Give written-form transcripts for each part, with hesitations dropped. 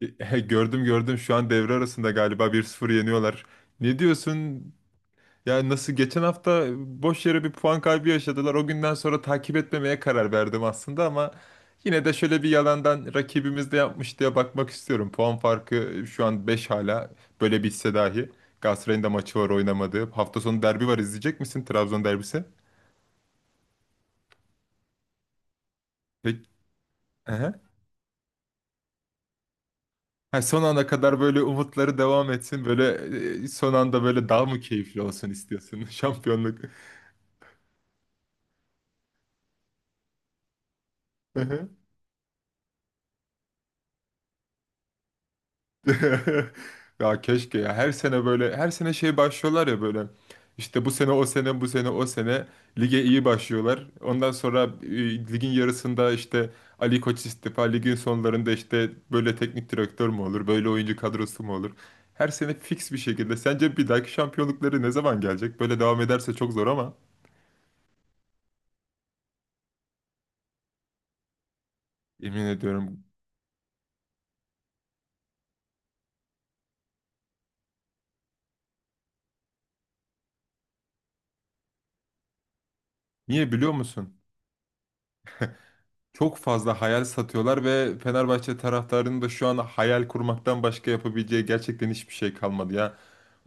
He, gördüm şu an devre arasında galiba 1-0 yeniyorlar. Ne diyorsun? Ya nasıl geçen hafta boş yere bir puan kaybı yaşadılar. O günden sonra takip etmemeye karar verdim aslında ama yine de şöyle bir yalandan rakibimiz de yapmış diye bakmak istiyorum. Puan farkı şu an beş, hala böyle bitse dahi. Galatasaray'ın da maçı var oynamadığı. Hafta sonu derbi var, izleyecek misin Trabzon derbisi? Peki. Aha. Ha, son ana kadar böyle umutları devam etsin. Son anda böyle daha mı keyifli olsun istiyorsun şampiyonluk? Hı hı. Ya keşke ya, her sene böyle, her sene başlıyorlar ya, böyle işte bu sene o sene, bu sene o sene lige iyi başlıyorlar. Ondan sonra ligin yarısında işte Ali Koç istifa, ligin sonlarında işte böyle teknik direktör mü olur, böyle oyuncu kadrosu mu olur? Her sene fix bir şekilde. Sence bir dahaki şampiyonlukları ne zaman gelecek? Böyle devam ederse çok zor ama emin ediyorum. Niye biliyor musun? Çok fazla hayal satıyorlar ve Fenerbahçe taraftarının da şu an hayal kurmaktan başka yapabileceği gerçekten hiçbir şey kalmadı ya.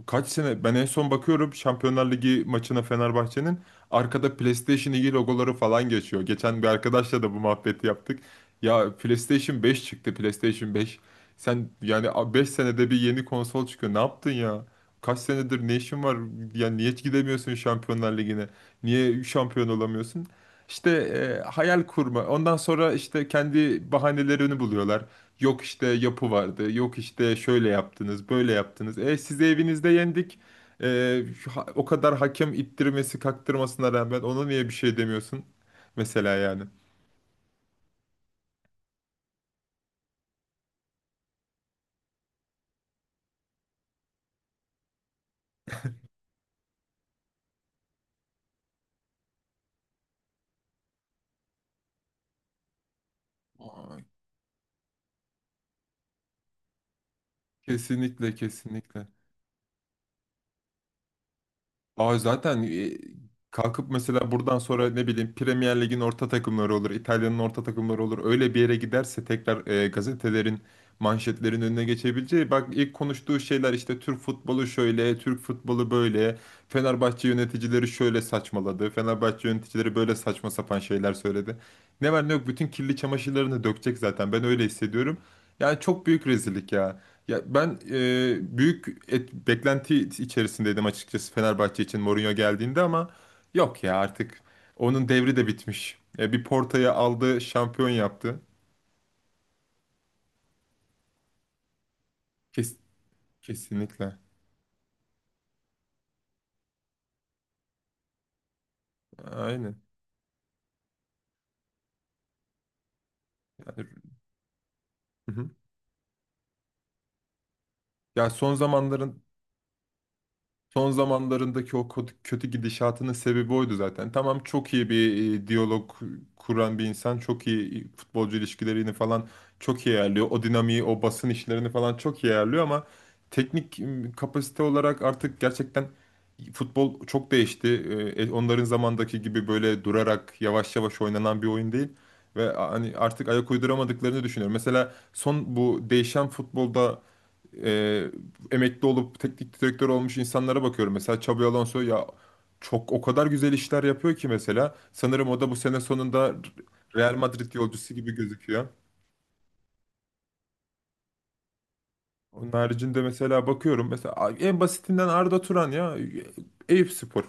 Kaç sene ben en son bakıyorum Şampiyonlar Ligi maçına Fenerbahçe'nin, arkada PlayStation 2 logoları falan geçiyor. Geçen bir arkadaşla da bu muhabbeti yaptık. Ya PlayStation 5 çıktı, PlayStation 5. Sen yani 5 senede bir yeni konsol çıkıyor. Ne yaptın ya? Kaç senedir ne işin var? Yani niye hiç gidemiyorsun Şampiyonlar Ligi'ne? Niye şampiyon olamıyorsun? İşte hayal kurma. Ondan sonra işte kendi bahanelerini buluyorlar. Yok işte yapı vardı. Yok işte şöyle yaptınız, böyle yaptınız. E sizi evinizde yendik. O kadar hakem ittirmesi, kaktırmasına rağmen ona niye bir şey demiyorsun? Mesela yani. Aa, kesinlikle, kesinlikle. Aa zaten e, Kalkıp mesela buradan sonra ne bileyim Premier Lig'in orta takımları olur, İtalya'nın orta takımları olur. Öyle bir yere giderse tekrar gazetelerin manşetlerin önüne geçebileceği. Bak ilk konuştuğu şeyler işte Türk futbolu şöyle, Türk futbolu böyle. Fenerbahçe yöneticileri şöyle saçmaladı. Fenerbahçe yöneticileri böyle saçma sapan şeyler söyledi. Ne var ne yok bütün kirli çamaşırlarını dökecek zaten. Ben öyle hissediyorum. Yani çok büyük rezillik ya. Ya ben e, büyük et- beklenti içerisindeydim açıkçası Fenerbahçe için Mourinho geldiğinde ama yok ya, artık onun devri de bitmiş. Bir Porto'yu aldı, şampiyon yaptı. Kes- Kesinlikle. Aynen. Yani, hı hı. Ya son zamanların Son zamanlarındaki o kötü gidişatının sebebi oydu zaten. Tamam, çok iyi bir diyalog kuran bir insan, çok iyi futbolcu ilişkilerini falan çok iyi ayarlıyor. O dinamiği, o basın işlerini falan çok iyi ayarlıyor ama kapasite olarak artık gerçekten futbol çok değişti. Onların zamandaki gibi böyle durarak yavaş yavaş oynanan bir oyun değil. Ve hani artık ayak uyduramadıklarını düşünüyorum. Mesela son bu değişen futbolda e, emekli olup teknik direktör olmuş insanlara bakıyorum. Mesela Xabi Alonso ya, çok o kadar güzel işler yapıyor ki mesela. Sanırım o da bu sene sonunda Real Madrid yolcusu gibi gözüküyor. Onun haricinde mesela bakıyorum, mesela en basitinden Arda Turan ya, Eyüp Spor.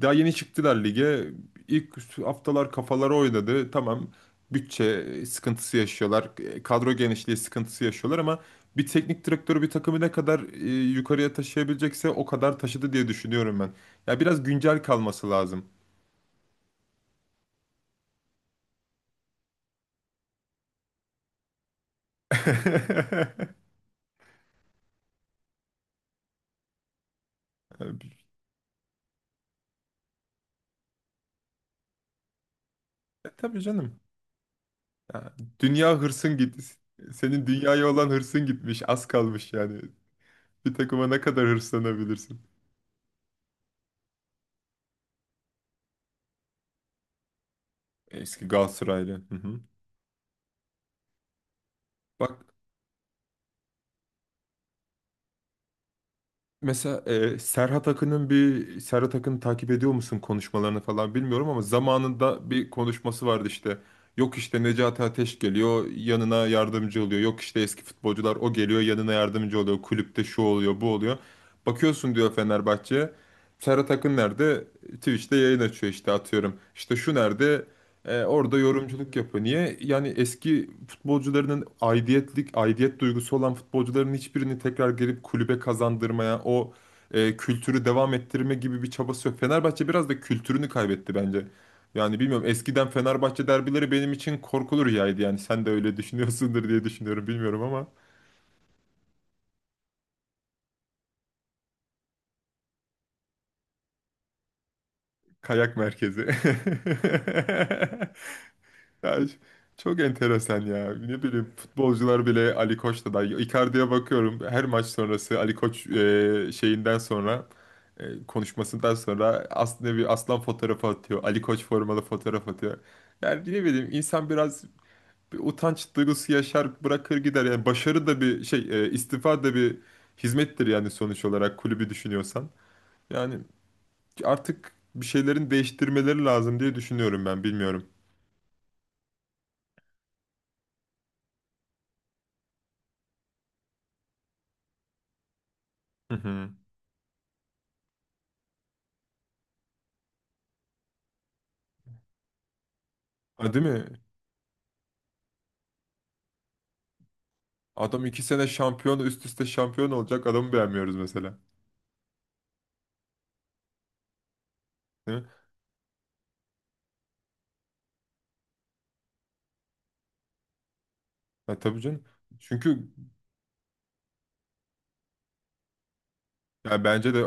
Daha yeni çıktılar lige. İlk haftalar kafaları oynadı. Tamam bütçe sıkıntısı yaşıyorlar. Kadro genişliği sıkıntısı yaşıyorlar ama bir teknik direktörü bir takımı ne kadar yukarıya taşıyabilecekse o kadar taşıdı diye düşünüyorum ben. Ya biraz güncel kalması lazım. Tabii canım. Ya, dünya hırsın git. Senin dünyaya olan hırsın gitmiş. Az kalmış yani. Bir takıma ne kadar hırslanabilirsin? Eski Galatasaraylı. Hı hı. Bak mesela Serhat Akın'ın, bir Serhat Akın'ı takip ediyor musun, konuşmalarını falan bilmiyorum ama zamanında bir konuşması vardı işte. Yok işte Necati Ateş geliyor yanına yardımcı oluyor. Yok işte eski futbolcular o geliyor yanına yardımcı oluyor. Kulüpte şu oluyor bu oluyor. Bakıyorsun diyor Fenerbahçe. Serhat Akın nerede? Twitch'te yayın açıyor işte, atıyorum. İşte şu nerede? Orada yorumculuk yapıyor. Niye? Yani eski futbolcularının aidiyetlik, aidiyet duygusu olan futbolcuların hiçbirini tekrar gelip kulübe kazandırmaya, o kültürü devam ettirme gibi bir çabası yok. Fenerbahçe biraz da kültürünü kaybetti bence. Yani bilmiyorum, eskiden Fenerbahçe derbileri benim için korkulu rüyaydı yani. Sen de öyle düşünüyorsundur diye düşünüyorum, bilmiyorum ama kayak merkezi. Ya, çok enteresan ya. Ne bileyim futbolcular bile Ali Koç'ta da. Icardi'ye bakıyorum, her maç sonrası Ali Koç e, şeyinden sonra e, konuşmasından sonra aslında bir aslan fotoğrafı atıyor. Ali Koç formalı fotoğraf atıyor. Yani ne bileyim, insan biraz bir utanç duygusu yaşar, bırakır gider. Yani başarı da bir şey e, istifa da bir hizmettir yani, sonuç olarak kulübü düşünüyorsan. Yani artık bir şeylerin değiştirmeleri lazım diye düşünüyorum ben, bilmiyorum. Hı hı. Ha, değil mi? Adam iki sene şampiyon, üst üste şampiyon olacak adamı beğenmiyoruz mesela. Değil mi? Ya tabii canım. Çünkü ya bence de,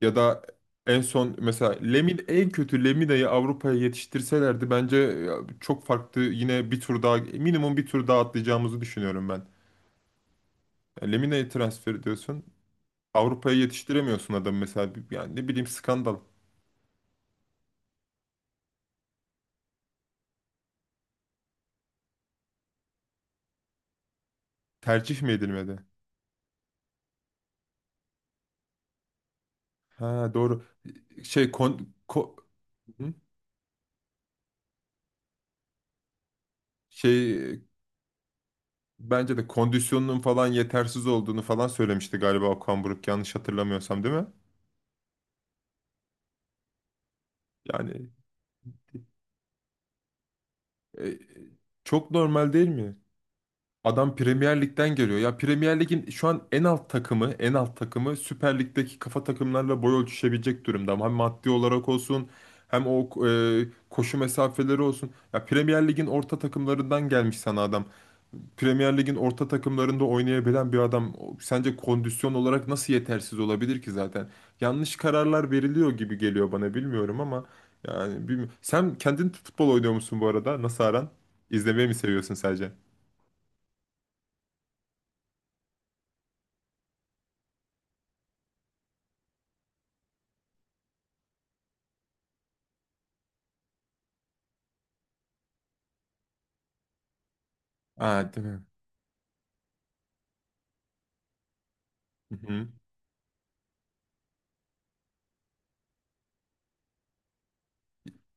ya da en son mesela Lemin en kötü Lemina'yı Avrupa'ya yetiştirselerdi bence ya, çok farklı, yine bir tur daha, minimum bir tur daha atlayacağımızı düşünüyorum ben. Ya Lemina'yı transfer ediyorsun. Avrupa'ya yetiştiremiyorsun adamı mesela. Yani ne bileyim, skandal. Tercih mi edilmedi? Ha doğru. Şey kon, ko- Hı? şey Bence de kondisyonunun falan yetersiz olduğunu falan söylemişti galiba Okan Buruk, yanlış hatırlamıyorsam değil mi? Yani e, çok normal değil mi? Adam Premier Lig'den geliyor. Ya Premier Lig'in şu an en alt takımı, en alt takımı Süper Lig'deki kafa takımlarla boy ölçüşebilecek durumda. Hem maddi olarak olsun, hem o koşu mesafeleri olsun. Ya Premier Lig'in orta takımlarından gelmiş sana adam. Premier Lig'in orta takımlarında oynayabilen bir adam, sence kondisyon olarak nasıl yetersiz olabilir ki zaten? Yanlış kararlar veriliyor gibi geliyor bana, bilmiyorum ama yani bilmiyorum. Sen kendin futbol oynuyor musun bu arada? Nasıl aran? İzlemeyi mi seviyorsun sadece? Aa, değil mi? Hı-hı.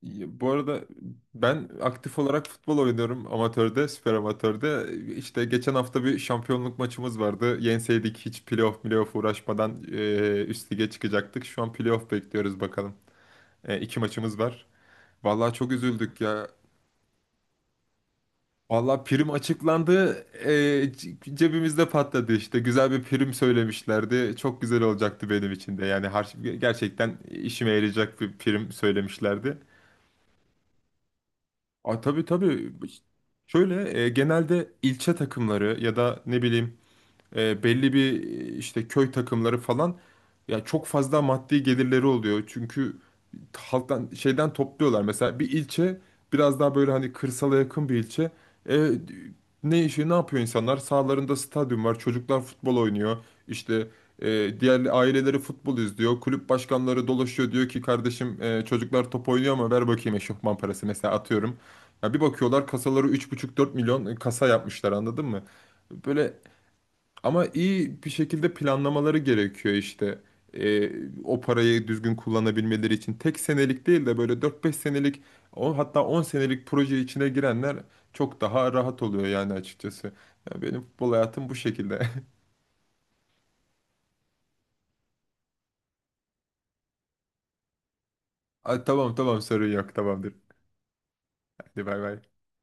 Ya, bu arada ben aktif olarak futbol oynuyorum amatörde, süper amatörde. İşte geçen hafta bir şampiyonluk maçımız vardı. Yenseydik hiç playoff uğraşmadan üst lige çıkacaktık. Şu an playoff bekliyoruz bakalım. İki maçımız var. Vallahi çok üzüldük ya. Vallahi prim açıklandı. Cebimizde patladı işte. Güzel bir prim söylemişlerdi. Çok güzel olacaktı benim için de. Yani gerçekten işime yarayacak bir prim söylemişlerdi. Aa, tabii tabii. Şöyle genelde ilçe takımları ya da ne bileyim, belli bir işte köy takımları falan, ya çok fazla maddi gelirleri oluyor. Çünkü halktan şeyden topluyorlar. Mesela bir ilçe, biraz daha böyle hani kırsala yakın bir ilçe. E, Ne işi ne yapıyor insanlar? Sağlarında stadyum var. Çocuklar futbol oynuyor. İşte diğer aileleri futbol izliyor. Kulüp başkanları dolaşıyor, diyor ki kardeşim, çocuklar top oynuyor ama ver bakayım eşofman parası, mesela atıyorum. Ya bir bakıyorlar kasaları 3,5-4 milyon, kasa yapmışlar, anladın mı? Böyle, ama iyi bir şekilde planlamaları gerekiyor işte. Ee, O parayı düzgün kullanabilmeleri için tek senelik değil de böyle dört beş senelik, o hatta 10 senelik proje içine girenler çok daha rahat oluyor yani açıkçası. Ya benim futbol hayatım bu şekilde. Ay, tamam tamam, sorun yok, tamamdır. Hadi bay bay.